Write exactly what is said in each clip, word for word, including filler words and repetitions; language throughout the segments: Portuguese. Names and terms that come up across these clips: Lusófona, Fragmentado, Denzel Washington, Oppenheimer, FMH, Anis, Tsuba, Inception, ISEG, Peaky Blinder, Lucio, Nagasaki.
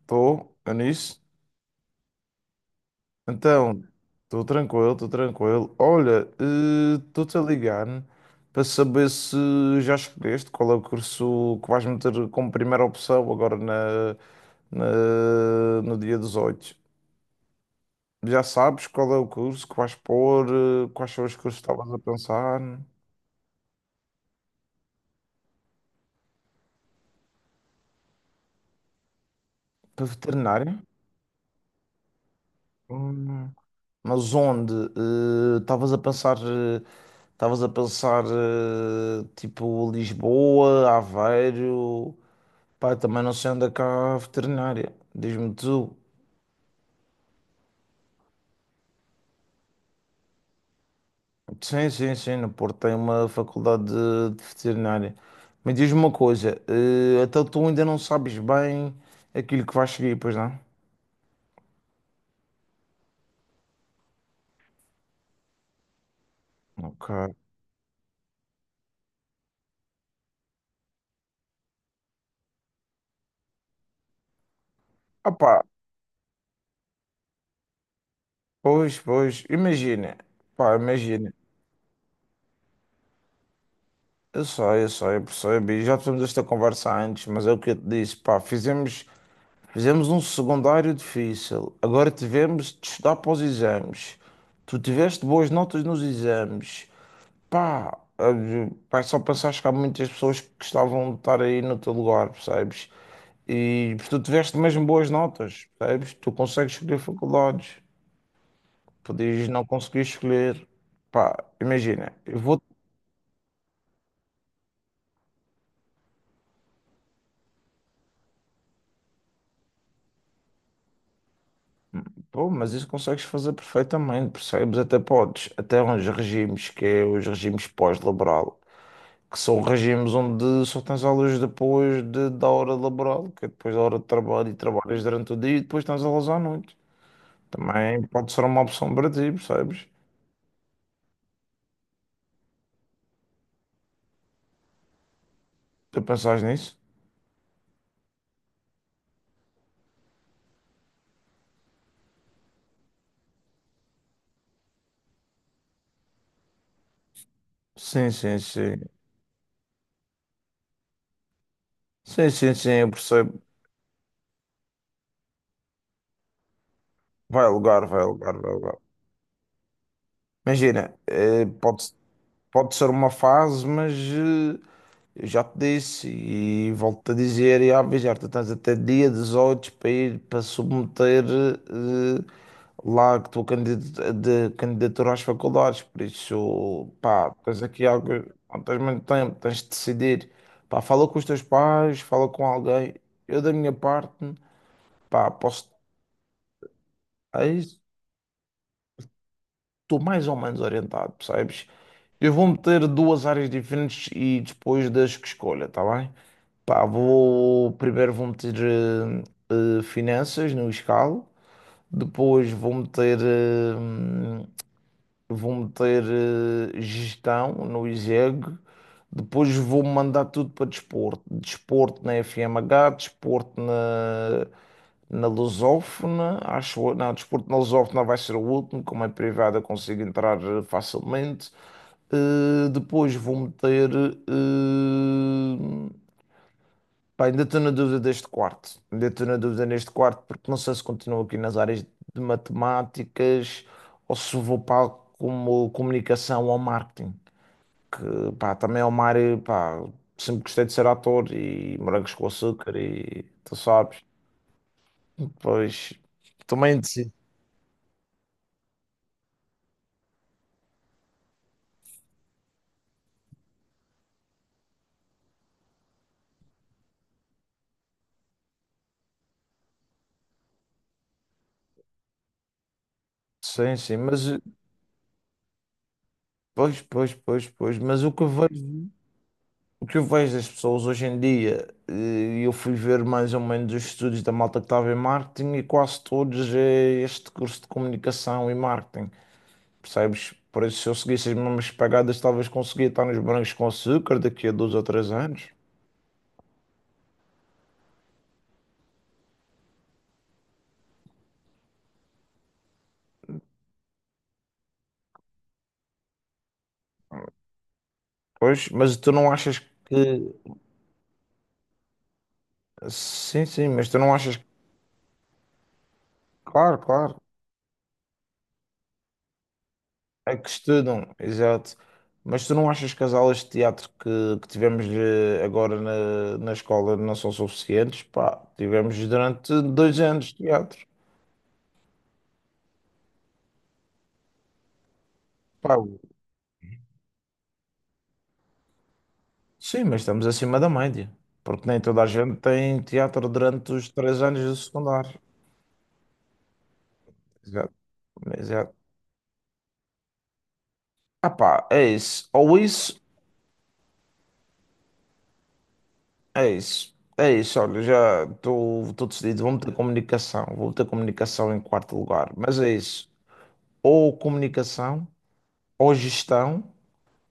Estou, Anis? Então, estou tranquilo, estou tranquilo. Olha, eh, estou-te a ligar para saber se já escolheste qual é o curso que vais meter como primeira opção agora na, na- no dia dezoito. Já sabes qual é o curso que vais pôr, eh, quais são os cursos que estavas a pensar? Para veterinária? Hum. Mas onde? Eh, Estavas a pensar, eh, estavas a pensar eh, tipo Lisboa, Aveiro? Pá, também não sei onde é que há a veterinária. Diz-me tu. Sim, sim, sim, no Porto tem uma faculdade de, de veterinária. Mas diz-me uma coisa, eh, então tu ainda não sabes bem aquilo que vais seguir, pois não? Ok. Ah pá, pois, pois, imagina, pá, imagina. Eu sei, eu sei, eu percebo. e já tivemos esta conversa antes, mas é o que eu te disse, pá, fizemos, fizemos um secundário difícil. Agora tivemos de estudar para os exames. Tu tiveste boas notas nos exames. Pá, olha, pá, só pensaste que há muitas pessoas que gostavam de estar aí no teu lugar, percebes? E mas tu tiveste mesmo boas notas, percebes? Tu consegues escolher faculdades, podias não conseguir escolher. Pá, imagina, eu vou. Pô, mas isso consegues fazer perfeitamente, percebes? Até podes. Até uns regimes, que é os regimes pós-laboral, que são regimes onde só tens aulas depois de, da hora laboral, que é depois da hora de trabalho e trabalhas durante o dia e depois tens aulas à noite. Também pode ser uma opção para ti, percebes? Tu pensas nisso? Sim, sim, sim. Sim, sim, sim, eu percebo. Vai alugar, vai alugar, vai alugar. Imagina, eh, pode, pode ser uma fase, mas eh, eu já te disse e volto-te a dizer e a avisar, tu tens até dia dezoito para ir para submeter eh, lá que estou candida- de candidatura às faculdades, por isso, pá, tens aqui algo, não tens muito tempo, tens de decidir. Pá, fala com os teus pais, fala com alguém. Eu, da minha parte, pá, posso. Aí, estou mais ou menos orientado, percebes? Eu vou meter duas áreas diferentes e depois das que escolha, tá bem? Pá, vou. Primeiro vou meter eh, eh, finanças no escalo, depois vou meter eh, vou meter eh, gestão no ISEG, depois vou mandar tudo para desporto. Desporto na F M H, desporto na, na Lusófona, acho eu. Não, desporto na Lusófona vai ser o último, como é privado eu consigo entrar eh, facilmente. Eh, depois vou meter. eh, Pá, ainda estou na dúvida deste quarto. Ainda estou na dúvida neste quarto, porque não sei se continuo aqui nas áreas de matemáticas ou se vou para como comunicação ou marketing. Que pá, também é uma área, pá, sempre gostei de ser ator e morangos com açúcar e tu sabes. Pois também sim, sim, sim, mas eh, pois, pois, pois, pois, mas o que eu vejo. O que eu vejo das pessoas hoje em dia, eh, eu fui ver mais ou menos os estudos da malta que estava em marketing e quase todos é este curso de comunicação e marketing, percebes? Por isso, se eu seguisse as mesmas pegadas, talvez conseguia estar nos brancos com açúcar daqui a dois ou três anos. Pois, mas tu não achas que. Sim, sim, mas tu não achas. Claro, claro. É que estudam, exato. Mas tu não achas que as aulas de teatro que, que tivemos eh, agora na, na escola não são suficientes? Pá, tivemos durante dois anos de teatro. Pá, sim, mas estamos acima da média. Porque nem toda a gente tem teatro durante os três anos do secundário. Exato. Exato. Ah pá, é isso. Ou isso, é isso. É isso, olha, já estou estou decidido. Vou meter comunicação. Vou meter comunicação em quarto lugar. Mas é isso. Ou comunicação ou gestão,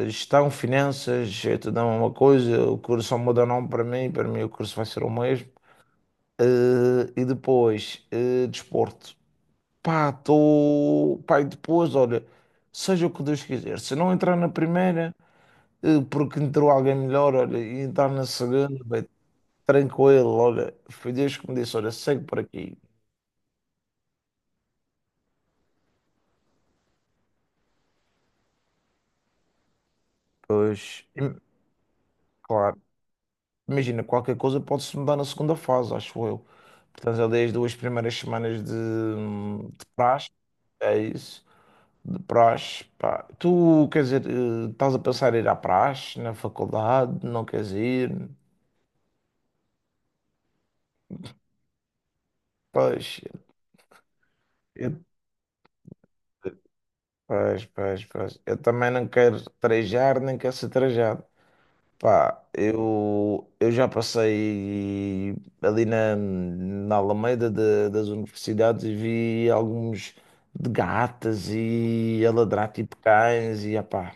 gestão, finanças, gestão é uma coisa, o curso só muda o nome para mim, para mim o curso vai ser o mesmo. Eh, e depois, eh, desporto. Pá, tô... Pá, e depois, olha, seja o que Deus quiser. Se não entrar na primeira, eh, porque entrou alguém melhor, olha, e entrar na segunda, bem, tranquilo, olha, foi Deus que me disse, olha, segue por aqui. Pois, e- claro. Imagina, qualquer coisa pode-se mudar na segunda fase, acho eu. Portanto, eu dei as duas primeiras semanas de, de praxe, é isso, de praxe. Pá. Tu, quer dizer, eh, estás a pensar em ir à praxe, na faculdade, não queres ir? Pois, eu, pois, pois, pois. Eu também não quero trajar, nem quero ser trajado. Pá, eu, eu já passei ali na, na Alameda de- das universidades e vi alguns de gatas e a ladrar tipo cães e apá,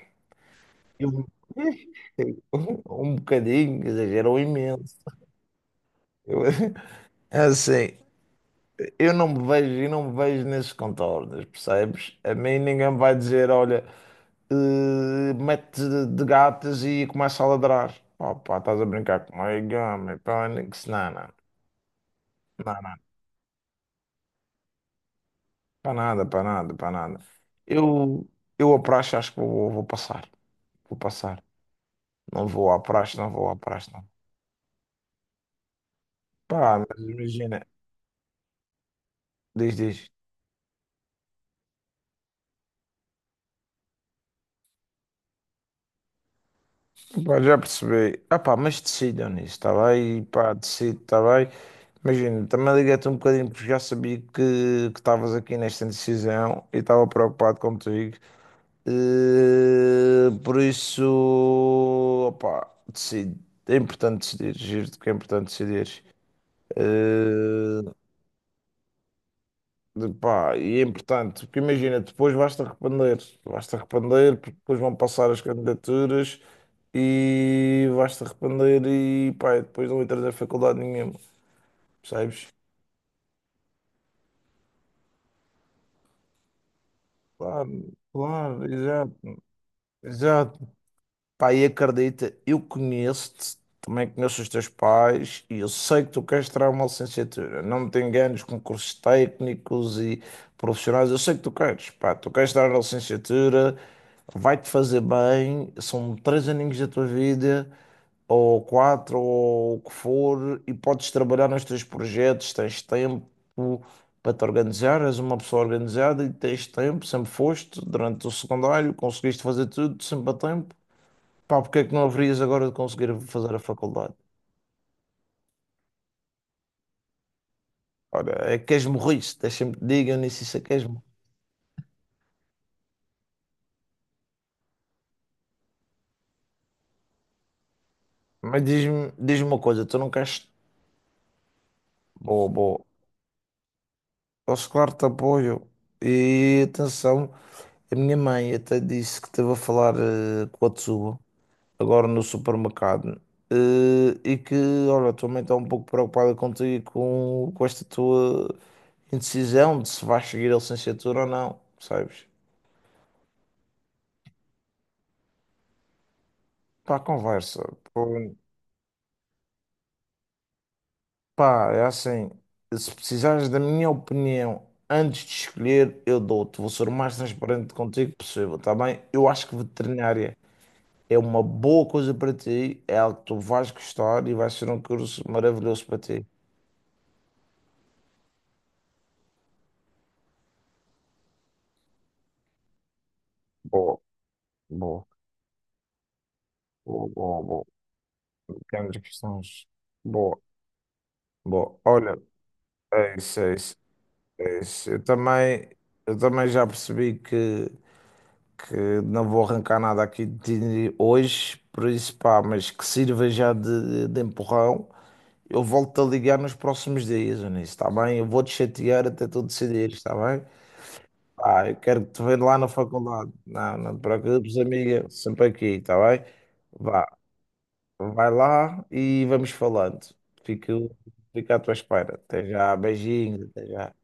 eu, um bocadinho, exagerou imenso. Eu, assim, eu não me vejo, eu não me vejo nesses contornos, percebes? A mim ninguém me vai dizer, olha, eh, mete de, de gatas e começa a ladrar. Pá, pá, estás a brincar comigo, homem, pânico, não, não, não, não, para nada, para nada, para nada. Eu, eu à praxe acho que vou, vou passar, vou passar. Não vou à praxe, não vou à praxe, não. Pá, mas imagina, diz, diz. Pá, já percebi. Ah pá, mas decidam nisso, está bem? Pá, decido, está bem? Imagina, também liguei-te um bocadinho porque já sabia que que estavas aqui nesta decisão e estava preocupado contigo. Eh, por isso, opá, decido. É importante decidir, giro-te que é importante decidir. De pá, e é importante, porque imagina, depois vais-te arrepender, vais-te arrepender, porque depois vão passar as candidaturas e vais-te arrepender e pá, e depois não entras na faculdade nenhuma, percebes? Claro, claro, exato, exato. Pá, e acredita, eu conheço-te, também conheço os teus pais e eu sei que tu queres tirar uma licenciatura. Não me te enganes com cursos técnicos e profissionais, eu sei que tu queres, pá, tu queres tirar a licenciatura, vai-te fazer bem, são três aninhos da tua vida, ou quatro, ou o que for, e podes trabalhar nos teus projetos, tens tempo para te organizar, és uma pessoa organizada e tens tempo, sempre foste, durante o secundário, conseguiste fazer tudo sempre a tempo. Pá, porque é que não haverias agora de conseguir fazer a faculdade? Ora, é que és morriste, deixa-me que te diga, eu nem sei se é que és mo- Mas diz-me diz me uma coisa, tu não queres. Boa, boa. Posso, claro, te apoio. E atenção, a minha mãe até disse que esteve a falar eh, com a Tsuba, agora no supermercado, eh, e que, olha, a tua mãe está um pouco preocupada contigo e com, com esta tua indecisão de se vais seguir a licenciatura ou não, sabes? Pá, conversa. Pá, é assim, se precisares da minha opinião antes de escolher, eu dou-te. Vou ser o mais transparente contigo possível, tá bem? Eu acho que veterinária é uma boa coisa para ti, é algo que tu vais gostar e vai ser um curso maravilhoso para ti. Boa, boa, boa, boa, boa, Grandes questões. Boa. Bom, olha, é isso, é isso, é isso. Eu também, eu também já percebi que que não vou arrancar nada aqui de hoje, por isso pá, mas que sirva já de, de empurrão. Eu volto a ligar nos próximos dias, Eunice, está bem? Eu vou te chatear até tu decidir, está bem? Ah, eu quero que te veja lá na faculdade. Não, não te preocupes, amiga, sempre aqui, está bem? Vá, vai lá e vamos falando. Fico, fico à tua espera. Até já, beijinhos, até já.